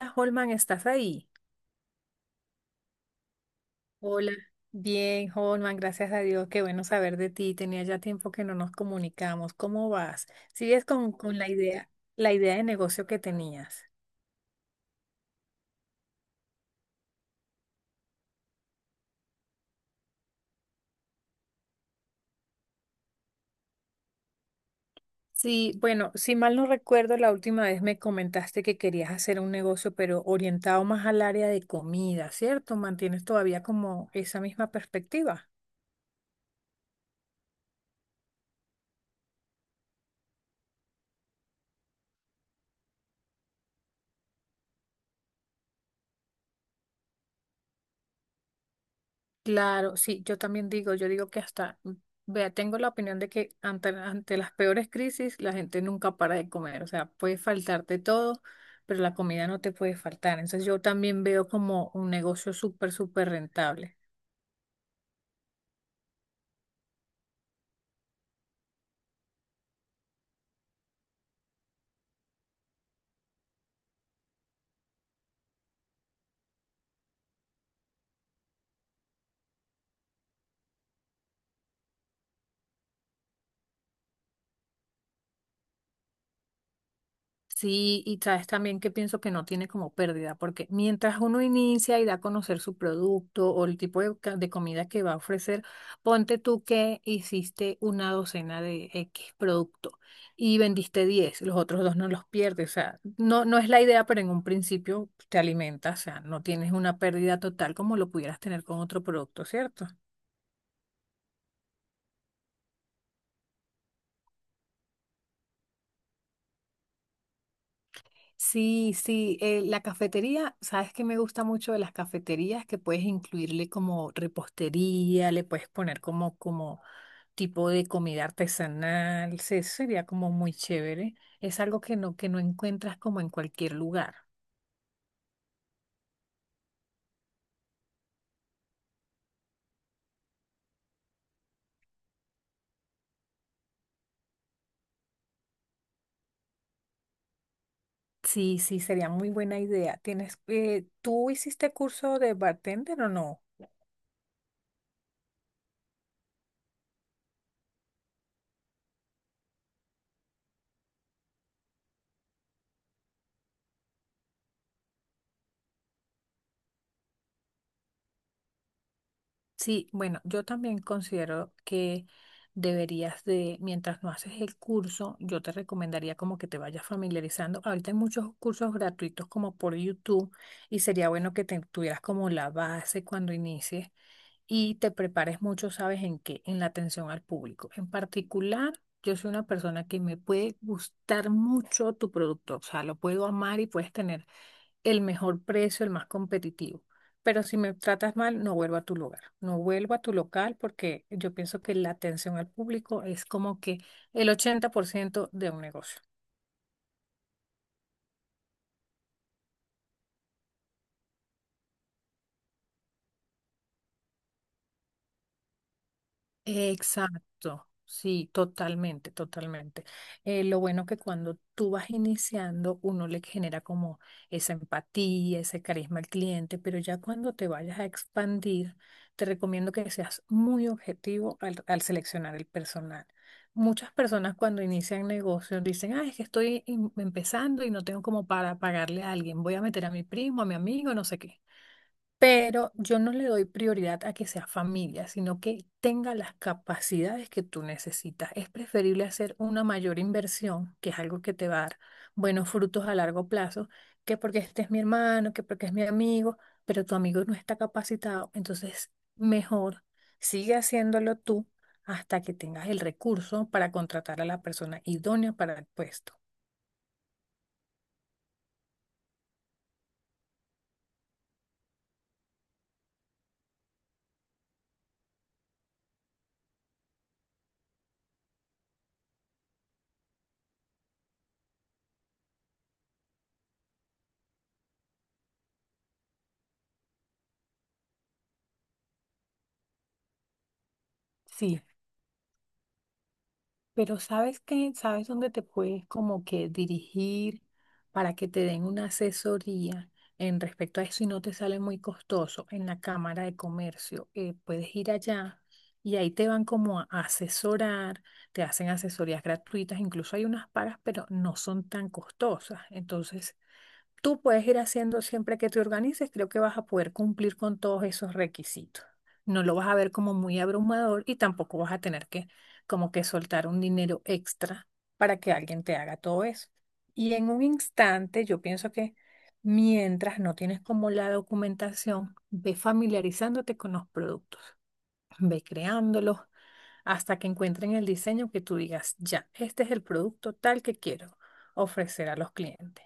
Hola, Holman, ¿estás ahí? Hola. Bien, Holman, gracias a Dios, qué bueno saber de ti. Tenía ya tiempo que no nos comunicamos. ¿Cómo vas? ¿Sigues con la idea de negocio que tenías? Sí, bueno, si mal no recuerdo, la última vez me comentaste que querías hacer un negocio, pero orientado más al área de comida, ¿cierto? ¿Mantienes todavía como esa misma perspectiva? Claro, sí, yo también digo, yo digo que hasta, vea, tengo la opinión de que ante las peores crisis la gente nunca para de comer, o sea, puede faltarte todo, pero la comida no te puede faltar. Entonces yo también veo como un negocio súper, súper rentable. Sí, y sabes también que pienso que no tiene como pérdida, porque mientras uno inicia y da a conocer su producto o el tipo de, de comida que va a ofrecer, ponte tú que hiciste una docena de X producto y vendiste 10, los otros dos no los pierdes, o sea, no, no es la idea, pero en un principio te alimentas, o sea, no tienes una pérdida total como lo pudieras tener con otro producto, ¿cierto? Sí, sí, la cafetería, sabes que me gusta mucho de las cafeterías que puedes incluirle como repostería, le puedes poner como, como tipo de comida artesanal, sería como muy chévere. Es algo que no encuentras como en cualquier lugar. Sí, sí, sería muy buena idea. ¿Tienes, tú hiciste curso de bartender o no? Sí, bueno, yo también considero que deberías de, mientras no haces el curso, yo te recomendaría como que te vayas familiarizando. Ahorita hay muchos cursos gratuitos como por YouTube y sería bueno que te tuvieras como la base cuando inicies y te prepares mucho, ¿sabes en qué? En la atención al público. En particular, yo soy una persona que me puede gustar mucho tu producto, o sea, lo puedo amar y puedes tener el mejor precio, el más competitivo. Pero si me tratas mal, no vuelvo a tu lugar, no vuelvo a tu local porque yo pienso que la atención al público es como que el 80% de un negocio. Exacto, sí, totalmente, totalmente. Lo bueno que cuando tú vas iniciando, uno le genera como esa empatía, ese carisma al cliente, pero ya cuando te vayas a expandir, te recomiendo que seas muy objetivo al seleccionar el personal. Muchas personas cuando inician negocios dicen, ah, es que estoy empezando y no tengo como para pagarle a alguien, voy a meter a mi primo, a mi amigo, no sé qué. Pero yo no le doy prioridad a que sea familia, sino que tenga las capacidades que tú necesitas. Es preferible hacer una mayor inversión, que es algo que te va a dar buenos frutos a largo plazo, que porque este es mi hermano, que porque es mi amigo, pero tu amigo no está capacitado. Entonces, mejor sigue haciéndolo tú hasta que tengas el recurso para contratar a la persona idónea para el puesto. Sí, pero sabes que, sabes dónde te puedes como que dirigir para que te den una asesoría en respecto a eso y no te sale muy costoso en la Cámara de Comercio. Puedes ir allá y ahí te van como a asesorar, te hacen asesorías gratuitas, incluso hay unas pagas, pero no son tan costosas. Entonces, tú puedes ir haciendo siempre que te organices, creo que vas a poder cumplir con todos esos requisitos. No lo vas a ver como muy abrumador y tampoco vas a tener que como que soltar un dinero extra para que alguien te haga todo eso. Y en un instante, yo pienso que mientras no tienes como la documentación, ve familiarizándote con los productos, ve creándolos hasta que encuentren el diseño que tú digas, ya, este es el producto tal que quiero ofrecer a los clientes.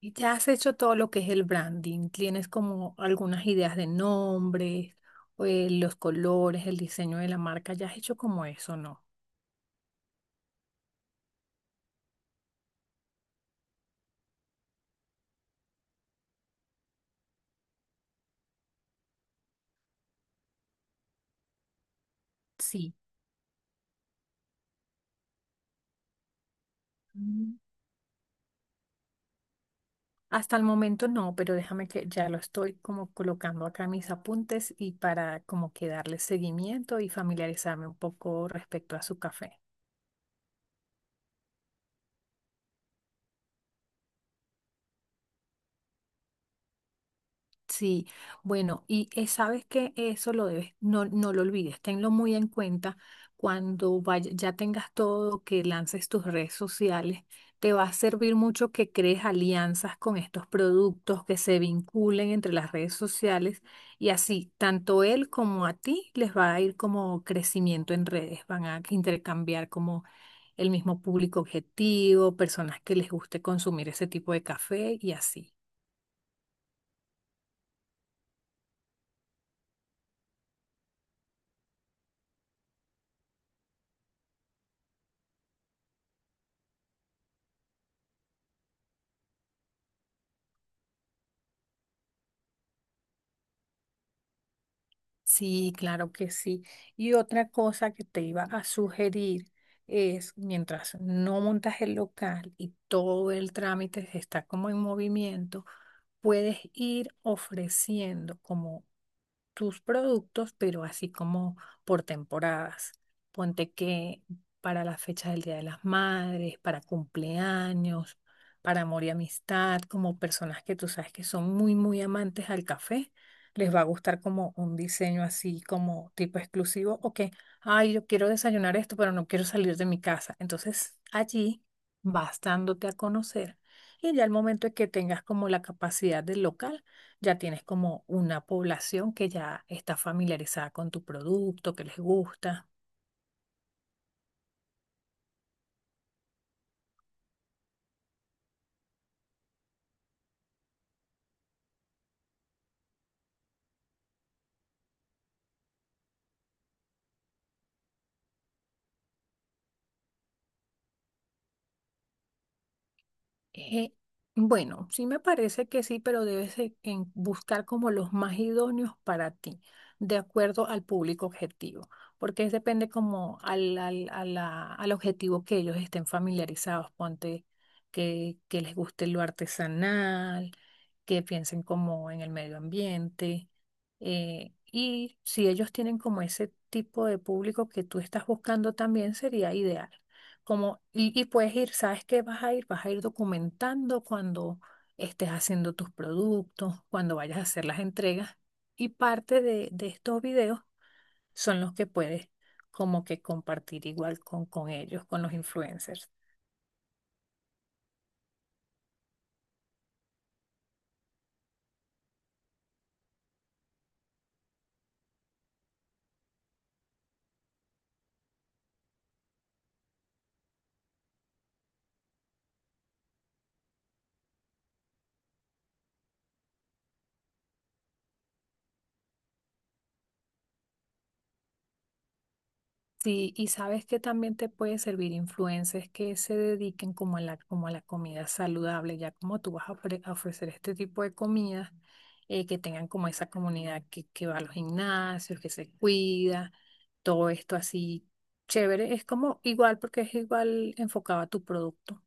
Y ya has hecho todo lo que es el branding, tienes como algunas ideas de nombres, los colores, el diseño de la marca, ya has hecho como eso, ¿no? Sí. Mm. Hasta el momento no, pero déjame que ya lo estoy como colocando acá en mis apuntes y para como que darle seguimiento y familiarizarme un poco respecto a su café. Sí, bueno, y sabes que eso lo debes, no, no lo olvides, tenlo muy en cuenta cuando ya tengas todo, que lances tus redes sociales, te va a servir mucho que crees alianzas con estos productos, que se vinculen entre las redes sociales y así, tanto él como a ti les va a ir como crecimiento en redes, van a intercambiar como el mismo público objetivo, personas que les guste consumir ese tipo de café y así. Sí, claro que sí. Y otra cosa que te iba a sugerir es, mientras no montas el local y todo el trámite está como en movimiento, puedes ir ofreciendo como tus productos, pero así como por temporadas. Ponte que para las fechas del Día de las Madres, para cumpleaños, para amor y amistad, como personas que tú sabes que son muy, muy amantes al café, les va a gustar como un diseño así como tipo exclusivo o que, ay, yo quiero desayunar esto, pero no quiero salir de mi casa. Entonces allí vas dándote a conocer y ya al momento de que tengas como la capacidad del local, ya tienes como una población que ya está familiarizada con tu producto, que les gusta. Eh, bueno, sí me parece que sí, pero debes de- en buscar como los más idóneos para ti, de acuerdo al público objetivo, porque es depende como a al objetivo que ellos estén familiarizados, ponte que les guste lo artesanal, que piensen como en el medio ambiente, y si ellos tienen como ese tipo de público que tú estás buscando también sería ideal como, y puedes ir, ¿sabes qué vas a ir? Vas a ir documentando cuando estés haciendo tus productos, cuando vayas a hacer las entregas. Y parte de estos videos son los que puedes como que compartir igual con ellos, con los influencers. Sí, y sabes que también te puede servir influencers que se dediquen como a la comida saludable, ya como tú vas a, a ofrecer este tipo de comidas, que tengan como esa comunidad que va a los gimnasios, que se cuida, todo esto así chévere, es como igual porque es igual enfocado a tu producto.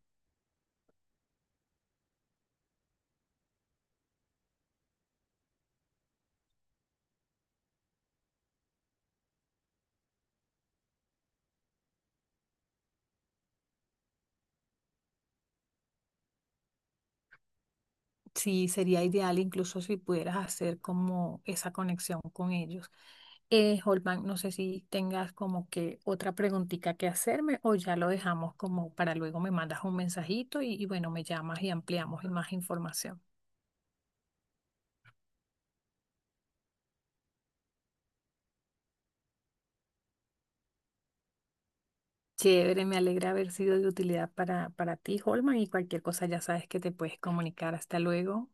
Sí, sería ideal incluso si pudieras hacer como esa conexión con ellos. Holman, no sé si tengas como que otra preguntita que hacerme o ya lo dejamos como para luego me mandas un mensajito y bueno, me llamas y ampliamos en más información. Chévere, me alegra haber sido de utilidad para ti, Holman, y cualquier cosa ya sabes que te puedes comunicar. Hasta luego.